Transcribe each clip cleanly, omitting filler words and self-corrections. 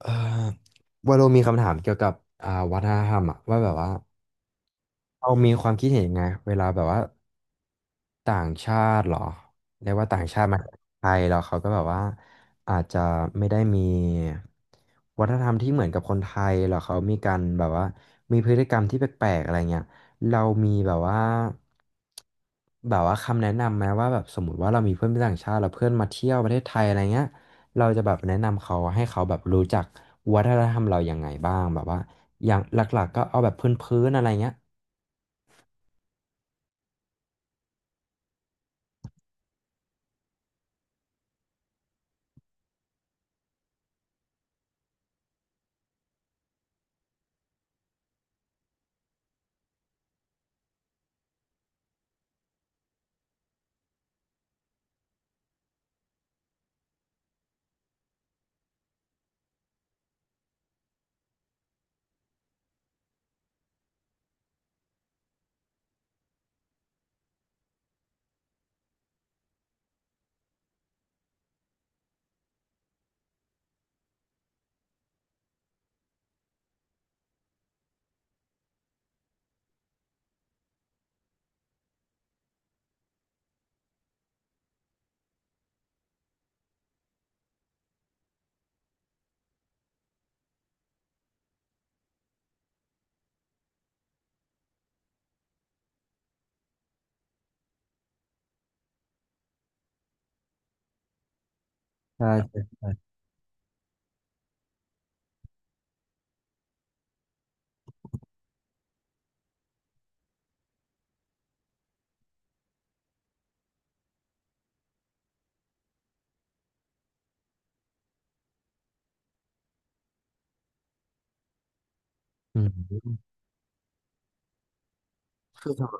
เอ่อวาโลมีคำถามเกี่ยวกับวัฒนธรรมอะว่าแบบว่าเรามีความคิดเห็นยังไงเวลาแบบว่า ต่างชาติเหรอเรียกว่าต่างชาติมาไทยแล้วเขาก็แบบว่าอาจจะไม่ได้มีวัฒนธรรมที่เหมือนกับคนไทยหรอกเขามีการแบบว่ามีพฤติกรรมที่แปลกๆอะไรเงี้ยเรามีแบบว่าแบบว่าคำแนะนำไหมว่าแบบสมมติว่าเรามีเพื่อนเป็นต่างชาติแล้วเพื่อนมาเที่ยวประเทศไทยอะไรเงี้ยเราจะแบบแนะนำเขาให้เขาแบบรู้จักวัฒนธรรมเรายังไงบ้างแบบว่าอย่างหลักๆก็เอาแบบพื้นๆอะไรเงี้ยอืมคือ สำ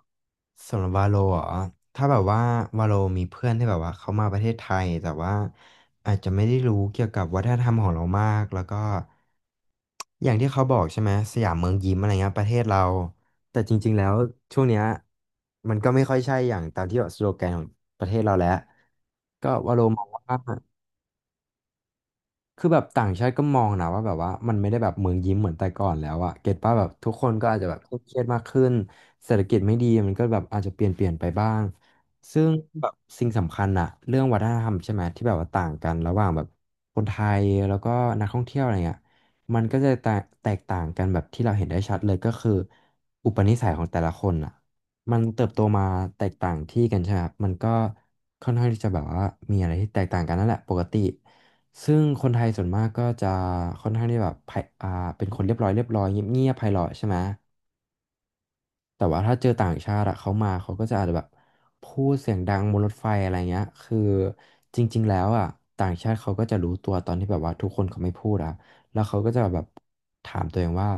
หรับวาโลเหรอถ้าแบบว่าวาโลมีเพื่อนที่แบบว่าเขามาประเทศไทยแต่ว่าอาจจะไม่ได้รู้เกี่ยวกับวัฒนธรรมของเรามากแล้วก็อย่างที่เขาบอกใช่ไหมสยามเมืองยิ้มอะไรเงี้ยประเทศเราแต่จริงๆแล้วช่วงเนี้ยมันก็ไม่ค่อยใช่อย่างตามที่แบบสโลแกนของประเทศเราแล้วก็วาโลมองว่า คือแบบต่างชาติก็มองนะว่าแบบว่ามันไม่ได้แบบเมืองยิ้มเหมือนแต่ก่อนแล้วอะเก็ตป่ะแบบทุกคนก็อาจจะแบบเครียดมากขึ้นเศรษฐกิจไม่ดีมันก็แบบอาจจะเปลี่ยนไปบ้างซึ่งแบบสิ่งสำคัญอะเรื่องวัฒนธรรมใช่ไหมที่แบบว่าต่างกันระหว่างแบบคนไทยแล้วก็นักท่องเที่ยวอะไรเงี้ยมันก็จะแตกต่างกันแบบที่เราเห็นได้ชัดเลยก็คืออุปนิสัยของแต่ละคนอะมันเติบโตมาแตกต่างที่กันใช่ไหมครับมันก็ค่อนข้างที่จะแบบว่ามีอะไรที่แตกต่างกันนั่นแหละปกติ ซึ่งคนไทยส่วนมากก็จะค่อนข้างที่แบบไพอ่าเป็นคนเรียบร้อยเรียบร้อยเงียบเงียบไพเราะใช่ไหมแต่ว่าถ้าเจอต่างชาติอะเขามาเขาก็จะอาจจะแบบพูดเสียงดังบนรถไฟอะไรเงี้ยคือจริงๆแล้วอะต่างชาติเขาก็จะรู้ตัวตอนที่แบบว่าทุกคนเขาไม่พูดอะแล้วเขาก็จะแบบถามตัวเองว่า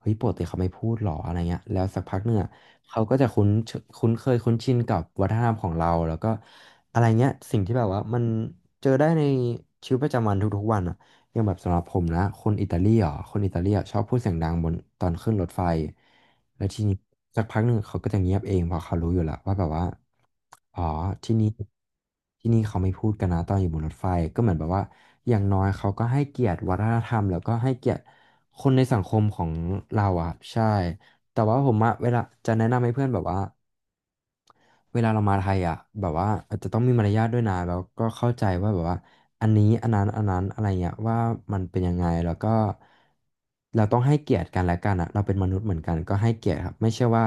เฮ้ยปกติเขาไม่พูดหรออะไรเงี้ยแล้วสักพักหนึ่งอะเขาก็จะคุ้นเคยคุ้นชินกับวัฒนธรรมของเราแล้วก็อะไรเงี้ยสิ่งที่แบบว่ามันเจอได้ในชีวิตประจำวันทุกๆวันอะ อย่างแบบสำหรับผมนะคนอิตาลีอ่ะคนอิตาลีอ่ะชอบพูดเสียงดังบนตอนขึ้นรถไฟแล้วทีนี้สักพักหนึ่งเขาก็จะเงียบเองเพราะเขารู้อยู่แล้วว่าแบบว่าอ๋อที่นี่ที่นี่เขาไม่พูดกันนะตอนอยู่บนรถไฟก็เหมือนแบบว่าอย่างน้อยเขาก็ให้เกียรติวัฒนธรรมแล้วก็ให้เกียรติคนในสังคมของเราอ่ะใช่แต่ว่าผมอะเวลาจะแนะนำให้เพื่อนแบบว่า เวลาเรามาไทยอ่ะแบบว่าอาจจะต้องมีมารยาทด้วยนะแล้วก็เข้าใจว่าแบบว่าอันนี้อันนั้นอะไรเงี้ยว่ามันเป็นยังไงแล้วก็เราต้องให้เกียรติกันและกันอ่ะเราเป็นมนุษย์เหมือนกันก็ให้เกียรติครับไม่ใช่ว่า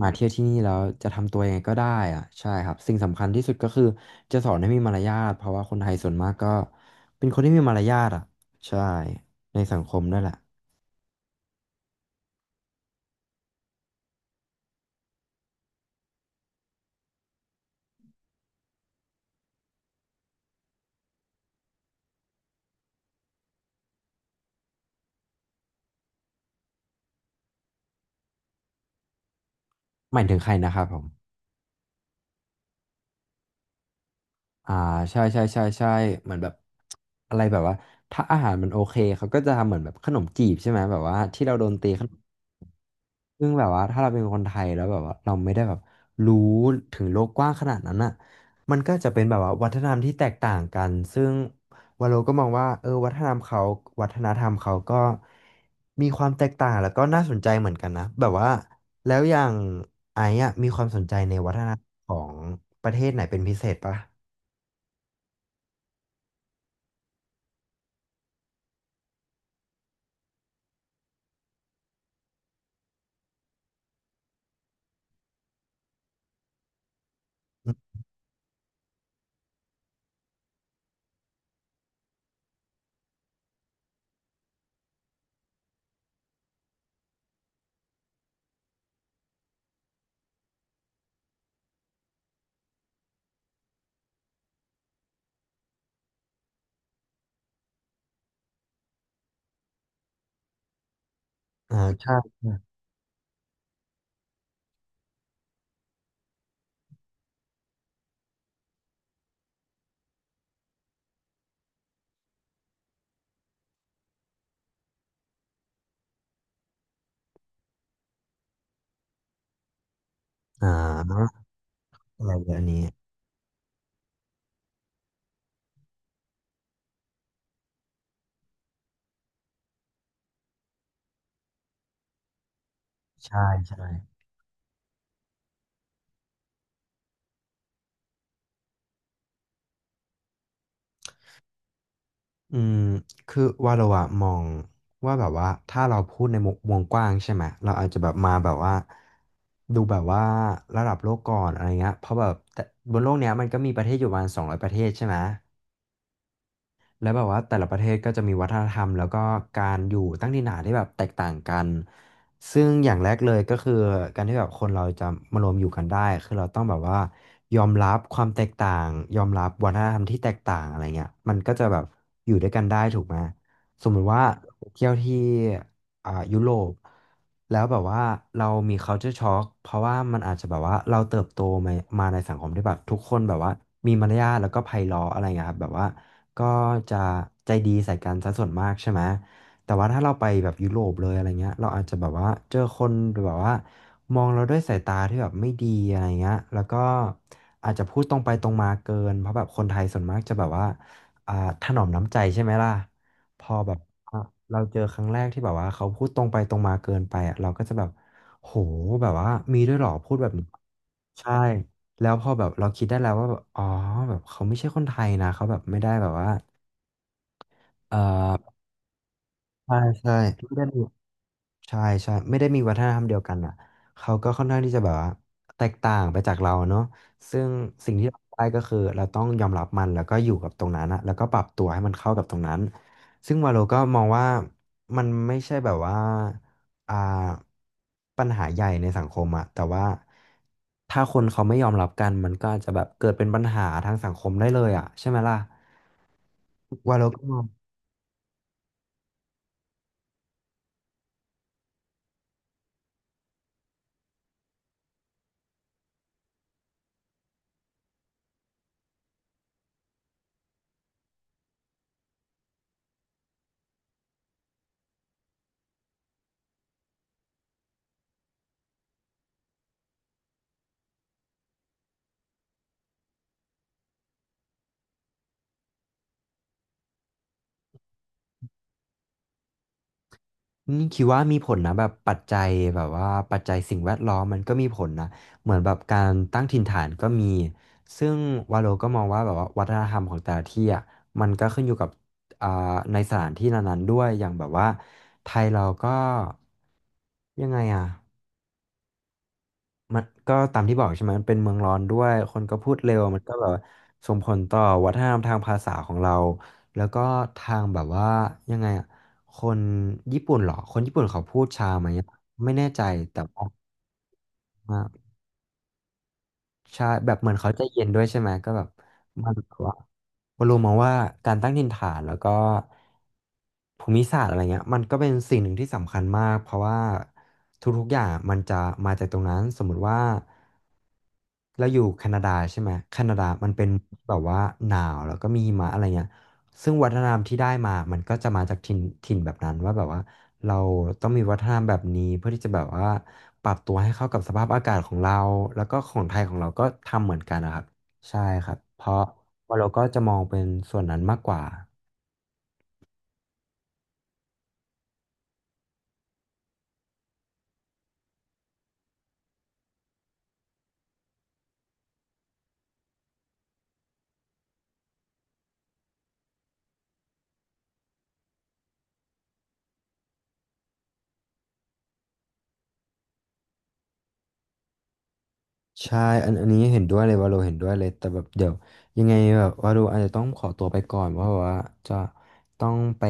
มาเที่ยวที่นี่แล้วจะทำตัวยังไงก็ได้อ่ะใช่ครับสิ่งสำคัญที่สุดก็คือจะสอนให้มีมารยาทเพราะว่าคนไทยส่วนมากก็เป็นคนที่มีมารยาทอ่ะใช่ในสังคมนั่นแหละหมายถึงใครนะครับผม อ่าใช่ใช่ใช่ใช่เหมือนแบบอะไรแบบว่าถ้าอาหารมันโอเคเขาก็จะทำเหมือนแบบขนมจีบใช่ไหมแบบว่าที่เราโดนตีขนมซึ่งแบบว่าถ้าเราเป็นคนไทยแล้วแบบว่าเราไม่ได้แบบรู้ถึงโลกกว้างขนาดนั้นอ่ะมันก็จะเป็นแบบว่าวัฒนธรรมที่แตกต่างกันซึ่งวาโลก็มองว่าเออวัฒนธรรมเขาวัฒนธรรมเขาก็มีความแตกต่างแล้วก็น่าสนใจเหมือนกันนะแบบว่าแล้วอย่างไอ้อะมีความสนใจในวัฒนธรรมของประเทศไหนเป็นพิเศษปะ อ่าใช่ใช่อ่าอะไรเน่นนี้ใช่ใช่อืมคือว่าเราอะมองว่าแบบว่าถ้าเราพูดในมุมวงกว้างใช่ไหม เราอาจจะแบบมาแบบว่าดูแบบว่าระดับโลกก่อนอะไรเงี้ยเพราะแบบแต่บนโลกเนี้ยมันก็มีประเทศอยู่ประมาณ200ประเทศใช่ไหม แล้วแบบว่าแต่ละประเทศก็จะมีวัฒนธรรมแล้วก็การอยู่ตั้งถิ่นฐานที่แบบแตกต่างกันซึ่งอย่างแรกเลยก็คือการที่แบบคนเราจะมารวมอยู่กันได้คือเราต้องแบบว่ายอมรับความแตกต่างยอมรับวัฒนธรรมที่แตกต่างอะไรเงี้ยมันก็จะแบบอยู่ด้วยกันได้ถูกไหมสมมุติว่าเราไปเที่ยวที่ยุโรปแล้วแบบว่าเรามี culture shock เพราะว่ามันอาจจะแบบว่าเราเติบโตมามาในสังคมที่แบบทุกคนแบบว่ามีมารยาทแล้วก็ไพเราะอะไรเงี้ยครับแบบว่า ก็จะใจดีใส่กันซะส่วนมากใช่ไหม แต่ว่าถ้าเราไปแบบยุโรปเลยอะไรเงี้ยเราอาจจะแบบว่าเจอคนหรือแบบว่ามองเราด้วยสายตาที่แบบไม่ดีอะไรเงี้ยแล้วก็อาจจะพูดตรงไปตรงมาเกินเพราะแบบคนไทยส่วนมากจะแบบว่าอ่าถนอมน้ำใจใช่ไหมล่ะ พอแบบอ่ะเราเจอครั้งแรกที่แบบว่าเขาพูดตรงไปตรงมาเกินไปอ่ะเราก็จะแบบโหแบบว่ามีด้วยเหรอพูดแบบนี้ใช่ แล้วพอแบบเราคิดได้แล้วว่าแบบอ๋อแบบเขาไม่ใช่คนไทยนะ เขาแบบไม่ได้แบบว่าเออใช่ใช่ไม่ได้ ใช่ใช่ไม่ได้มีวัฒนธรรมเดียวกันอ่ะเขาก็ค่อนข้างที่จะแบบว่าแตกต่างไปจากเราเนาะซึ่งสิ่งที่เราได้ก็คือเราต้องยอมรับมันแล้วก็อยู่กับตรงนั้นอะแล้วก็ปรับตัวให้มันเข้ากับตรงนั้นซึ่งวาโลก็มองว่ามันไม่ใช่แบบว่าอ่าปัญหาใหญ่ในสังคมอะแต่ว่าถ้าคนเขาไม่ยอมรับกันมันก็อาจจะแบบเกิดเป็นปัญหาทางสังคมได้เลยอะใช่ไหมล่ะวาโลก็มอง นี่คิดว่ามีผลนะแบบปัจจัยแบบว่าปัจจัยสิ่งแวดล้อมมันก็มีผลนะเหมือนแบบการตั้งถิ่นฐานก็มีซึ่งวาโลก็มองว่าแบบว่าวัฒนธรรมของแต่ละที่อ่ะมันก็ขึ้นอยู่กับอ่าในสถานที่นั้นๆด้วยอย่างแบบว่าไทยเราก็ยังไงอ่ะ มันก็ตามที่บอกใช่ไหมมันเป็นเมืองร้อนด้วยคนก็พูดเร็วมันก็แบบส่งผลต่อวัฒนธรรมทางภาษาของเราแล้วก็ทางแบบว่ายังไงอ่ะคนญี่ปุ่นเหรอคนญี่ปุ่นเขาพูดช้าไหมอะไม่แน่ใจแต่ว่า ใช่แบบเหมือนเขาใจเย็นด้วยใช่ไหมก็แบบมันแบบว่าเรารู้มาว่าการตั้งถิ่นฐานแล้วก็ภูมิศาสตร์อะไรเงี้ยมันก็เป็นสิ่งหนึ่งที่สำคัญมากเพราะว่าทุกๆอย่างมันจะมาจากตรงนั้นสมมุติว่าเราอยู่แคนาดาใช่ไหมแคนาดามันเป็นแบบว่าหนาวแล้วก็มีหิมะอะไรเงี้ยซึ่งวัฒนธรรมที่ได้มามันก็จะมาจากถิ่นแบบนั้นว่าแบบว่าเราต้องมีวัฒนธรรมแบบนี้เพื่อที่จะแบบว่า ปรับตัวให้เข้ากับสภาพอากาศของเราแล้วก็ของไทยของเราก็ทำเหมือนกันนะครับใช่ครับเพราะว่าเราก็จะมองเป็นส่วนนั้นมากกว่าใช่อันนี้เห็นด้วยเลยว่าเราเห็นด้วยเลยแต่แบบเดี๋ยวยังไงแบบว่าเราอาจจะต้องขอตัวไปก่อนเพราะว่าจะต้องไป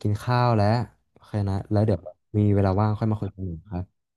กินข้าวแล้วโอเคนะแล้วเดี๋ยวมีเวลาว่างค่อยมาคุยกันอีกครับ